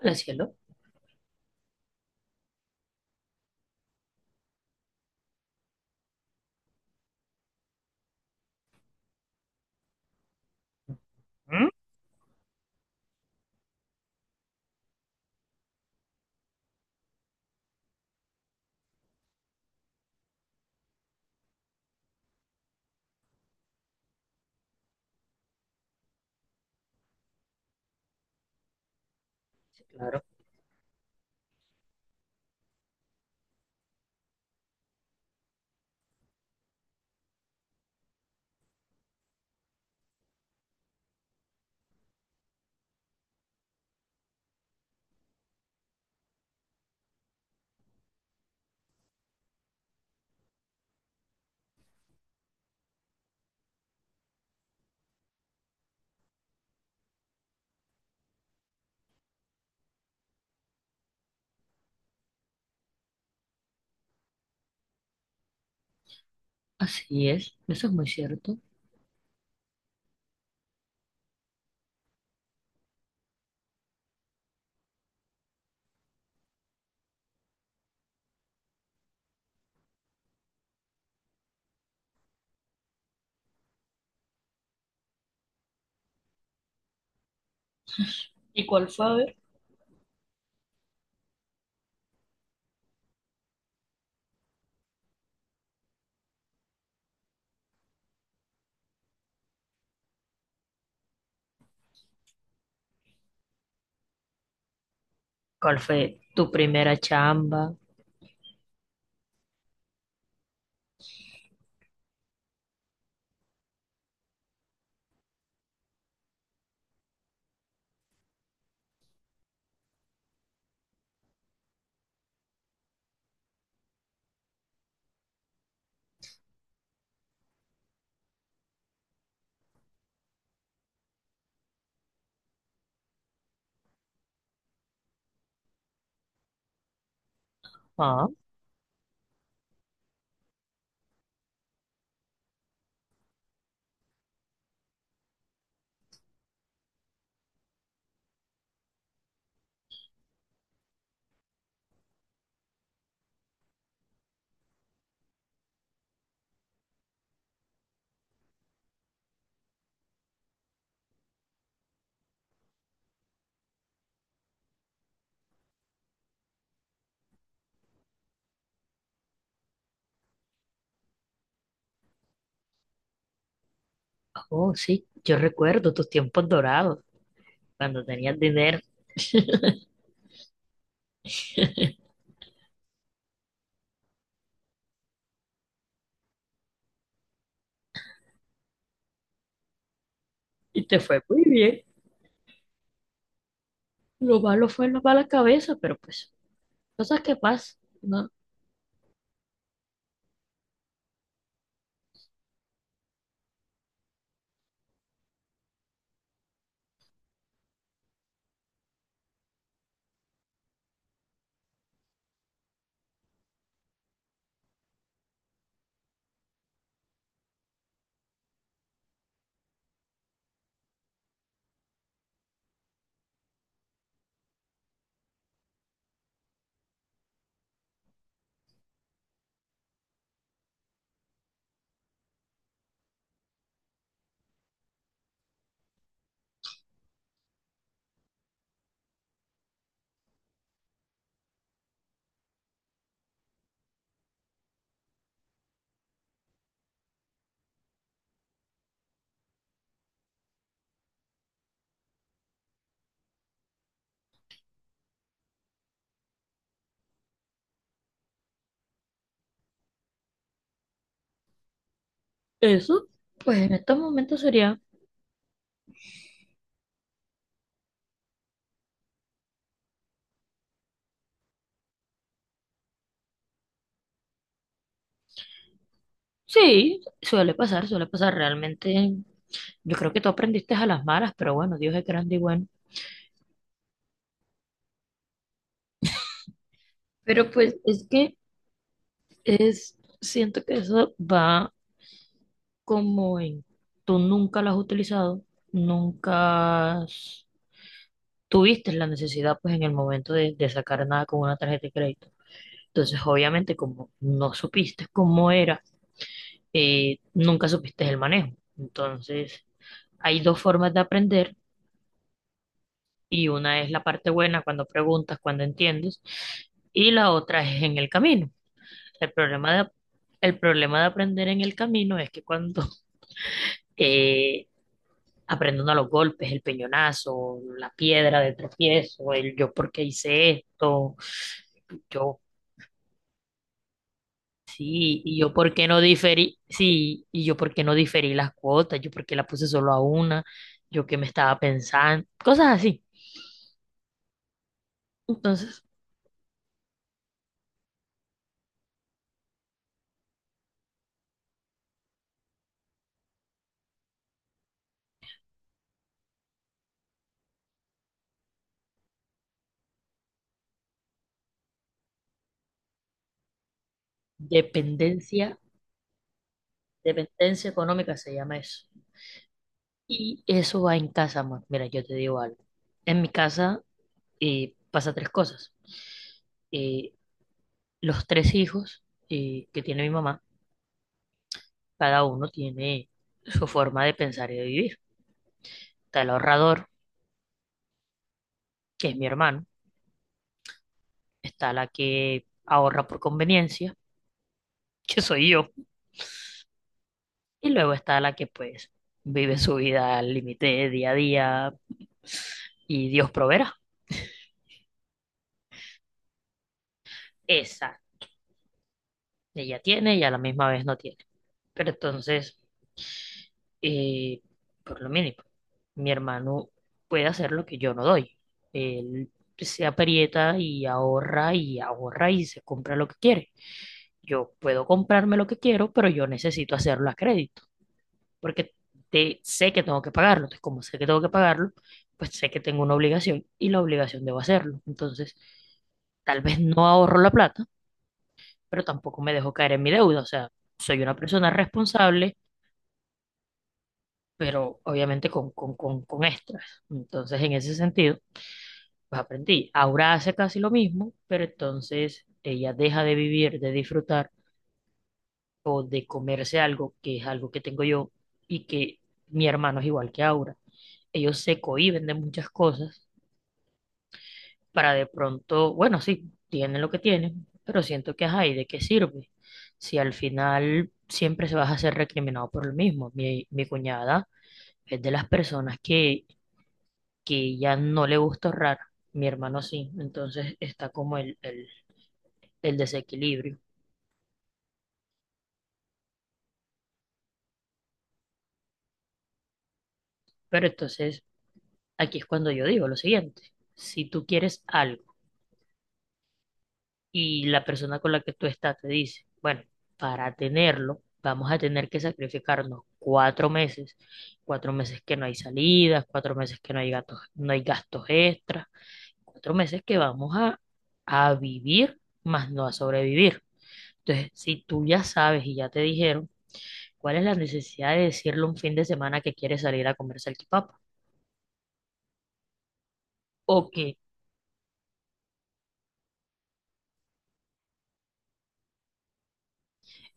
Hola, cielo. ¿Mm? Así es, eso es muy cierto. ¿Y cuál fue? A ver. ¿Cuál fue tu primera chamba? Ah, oh, sí, yo recuerdo tus tiempos dorados, cuando tenías dinero. Y te fue muy bien. Lo malo fue la mala cabeza, pero pues, cosas que pasan, ¿no? Eso, pues en estos momentos sería, sí, suele pasar realmente. Yo creo que tú aprendiste a las malas, pero bueno, Dios es grande y bueno. Pero pues es que es, siento que eso va. Como en, tú nunca lo has utilizado, nunca has- tuviste la necesidad pues en el momento de sacar nada con una tarjeta de crédito. Entonces, obviamente, como no supiste cómo era, nunca supiste el manejo. Entonces, hay dos formas de aprender, y una es la parte buena cuando preguntas, cuando entiendes, y la otra es en el camino. El problema de, el problema de aprender en el camino es que cuando eh, aprendiendo a los golpes, el peñonazo, la piedra de tropiezo, el yo por qué hice esto, yo sí, y yo por qué no diferí, sí, y yo por qué no diferí las cuotas, yo por qué la puse solo a una, yo qué me estaba pensando, cosas así. Entonces, dependencia, dependencia económica se llama eso. Y eso va en casa, amor. Mira, yo te digo algo. En mi casa pasa tres cosas. Eh, los tres hijos que tiene mi mamá, cada uno tiene su forma de pensar y de vivir. Está el ahorrador, que es mi hermano. Está la que ahorra por conveniencia, que soy yo. Y luego está la que pues vive su vida al límite día a día y Dios proveerá. Esa, ella tiene y a la misma vez no tiene. Pero entonces, eh, por lo mínimo, mi hermano puede hacer lo que yo no doy. Él se aprieta y ahorra y ahorra y se compra lo que quiere. Yo puedo comprarme lo que quiero, pero yo necesito hacerlo a crédito, porque sé que tengo que pagarlo. Entonces, como sé que tengo que pagarlo, pues sé que tengo una obligación y la obligación debo hacerlo. Entonces, tal vez no ahorro la plata, pero tampoco me dejo caer en mi deuda. O sea, soy una persona responsable, pero obviamente con extras. Entonces, en ese sentido, pues aprendí. Ahora hace casi lo mismo, pero entonces ella deja de vivir, de disfrutar o de comerse algo, que es algo que tengo yo y que mi hermano es igual que Aura. Ellos se cohíben de muchas cosas para de pronto, bueno, sí, tienen lo que tienen, pero siento que, ajá, ¿y de qué sirve? Si al final siempre se vas a ser recriminado por lo mismo. Mi cuñada es de las personas que ya no le gusta ahorrar, mi hermano sí, entonces está como el desequilibrio. Pero entonces aquí es cuando yo digo lo siguiente, si tú quieres algo, y la persona con la que tú estás te dice, bueno, para tenerlo vamos a tener que sacrificarnos cuatro meses que no hay salidas, cuatro meses que no hay gatos, no hay gastos extras, cuatro meses que a vivir, más no a sobrevivir. Entonces, si tú ya sabes y ya te dijeron, ¿cuál es la necesidad de decirle un fin de semana que quieres salir a comer salchipapa? O que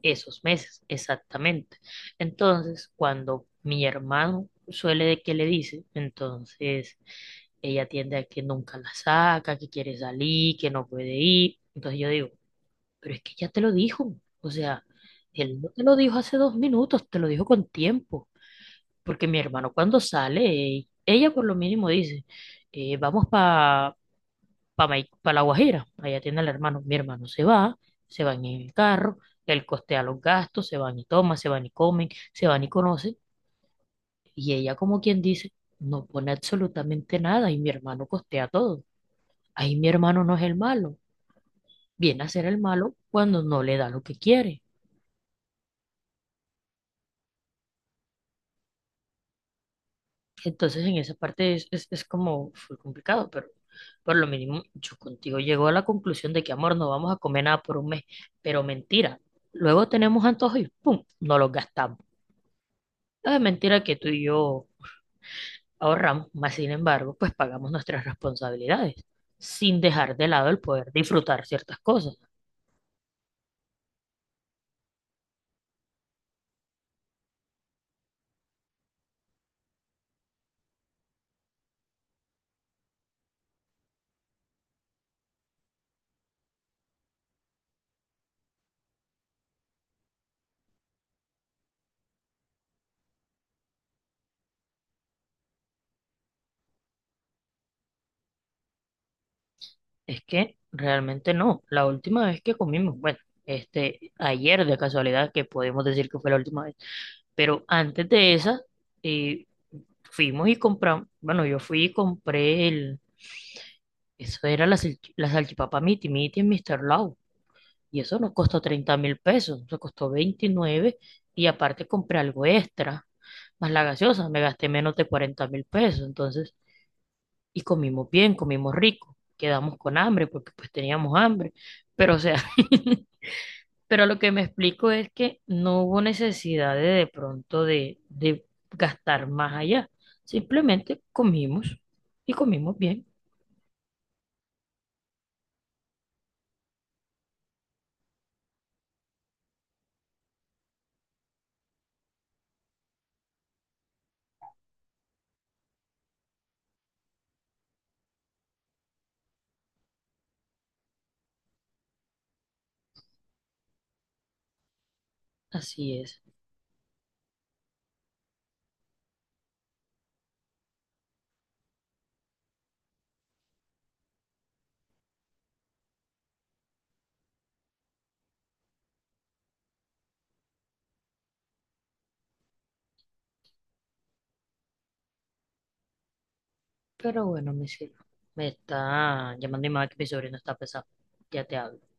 esos meses, exactamente. Entonces, cuando mi hermano suele de que le dice, entonces ella tiende a que nunca la saca, que quiere salir, que no puede ir. Entonces yo digo, pero es que ya te lo dijo. O sea, él no te lo dijo hace dos minutos, te lo dijo con tiempo. Porque mi hermano cuando sale, ella por lo mínimo dice, vamos para La Guajira. Allá tiene el hermano. Mi hermano se va, se van en el carro, él costea los gastos, se van y toman, se van y comen, se van y conocen. Y ella, como quien dice, no pone absolutamente nada y mi hermano costea todo. Ahí mi hermano no es el malo. Viene a ser el malo cuando no le da lo que quiere. Entonces, en esa parte es como fue complicado, pero por lo mínimo yo contigo llego a la conclusión de que, amor, no vamos a comer nada por un mes, pero mentira. Luego tenemos antojos y ¡pum! No los gastamos. No es mentira que tú y yo ahorramos, mas sin embargo, pues pagamos nuestras responsabilidades, sin dejar de lado el poder disfrutar ciertas cosas. Es que realmente no. La última vez que comimos, bueno, este, ayer de casualidad, que podemos decir que fue la última vez, pero antes de esa, eh, fuimos y compramos, bueno, yo fui y compré el, eso era la, la salchipapa Miti Miti en Mr. Lau. Y eso no costó 30.000 pesos, eso costó veintinueve, y aparte compré algo extra, más la gaseosa, me gasté menos de 40.000 pesos. Entonces, y comimos bien, comimos rico, quedamos con hambre porque pues teníamos hambre, pero o sea, pero lo que me explico es que no hubo necesidad de pronto de gastar más allá, simplemente comimos y comimos bien, así es, pero bueno, mi cielo, me está llamando mi mamá que mi sobrino está pesado, ya te hablo.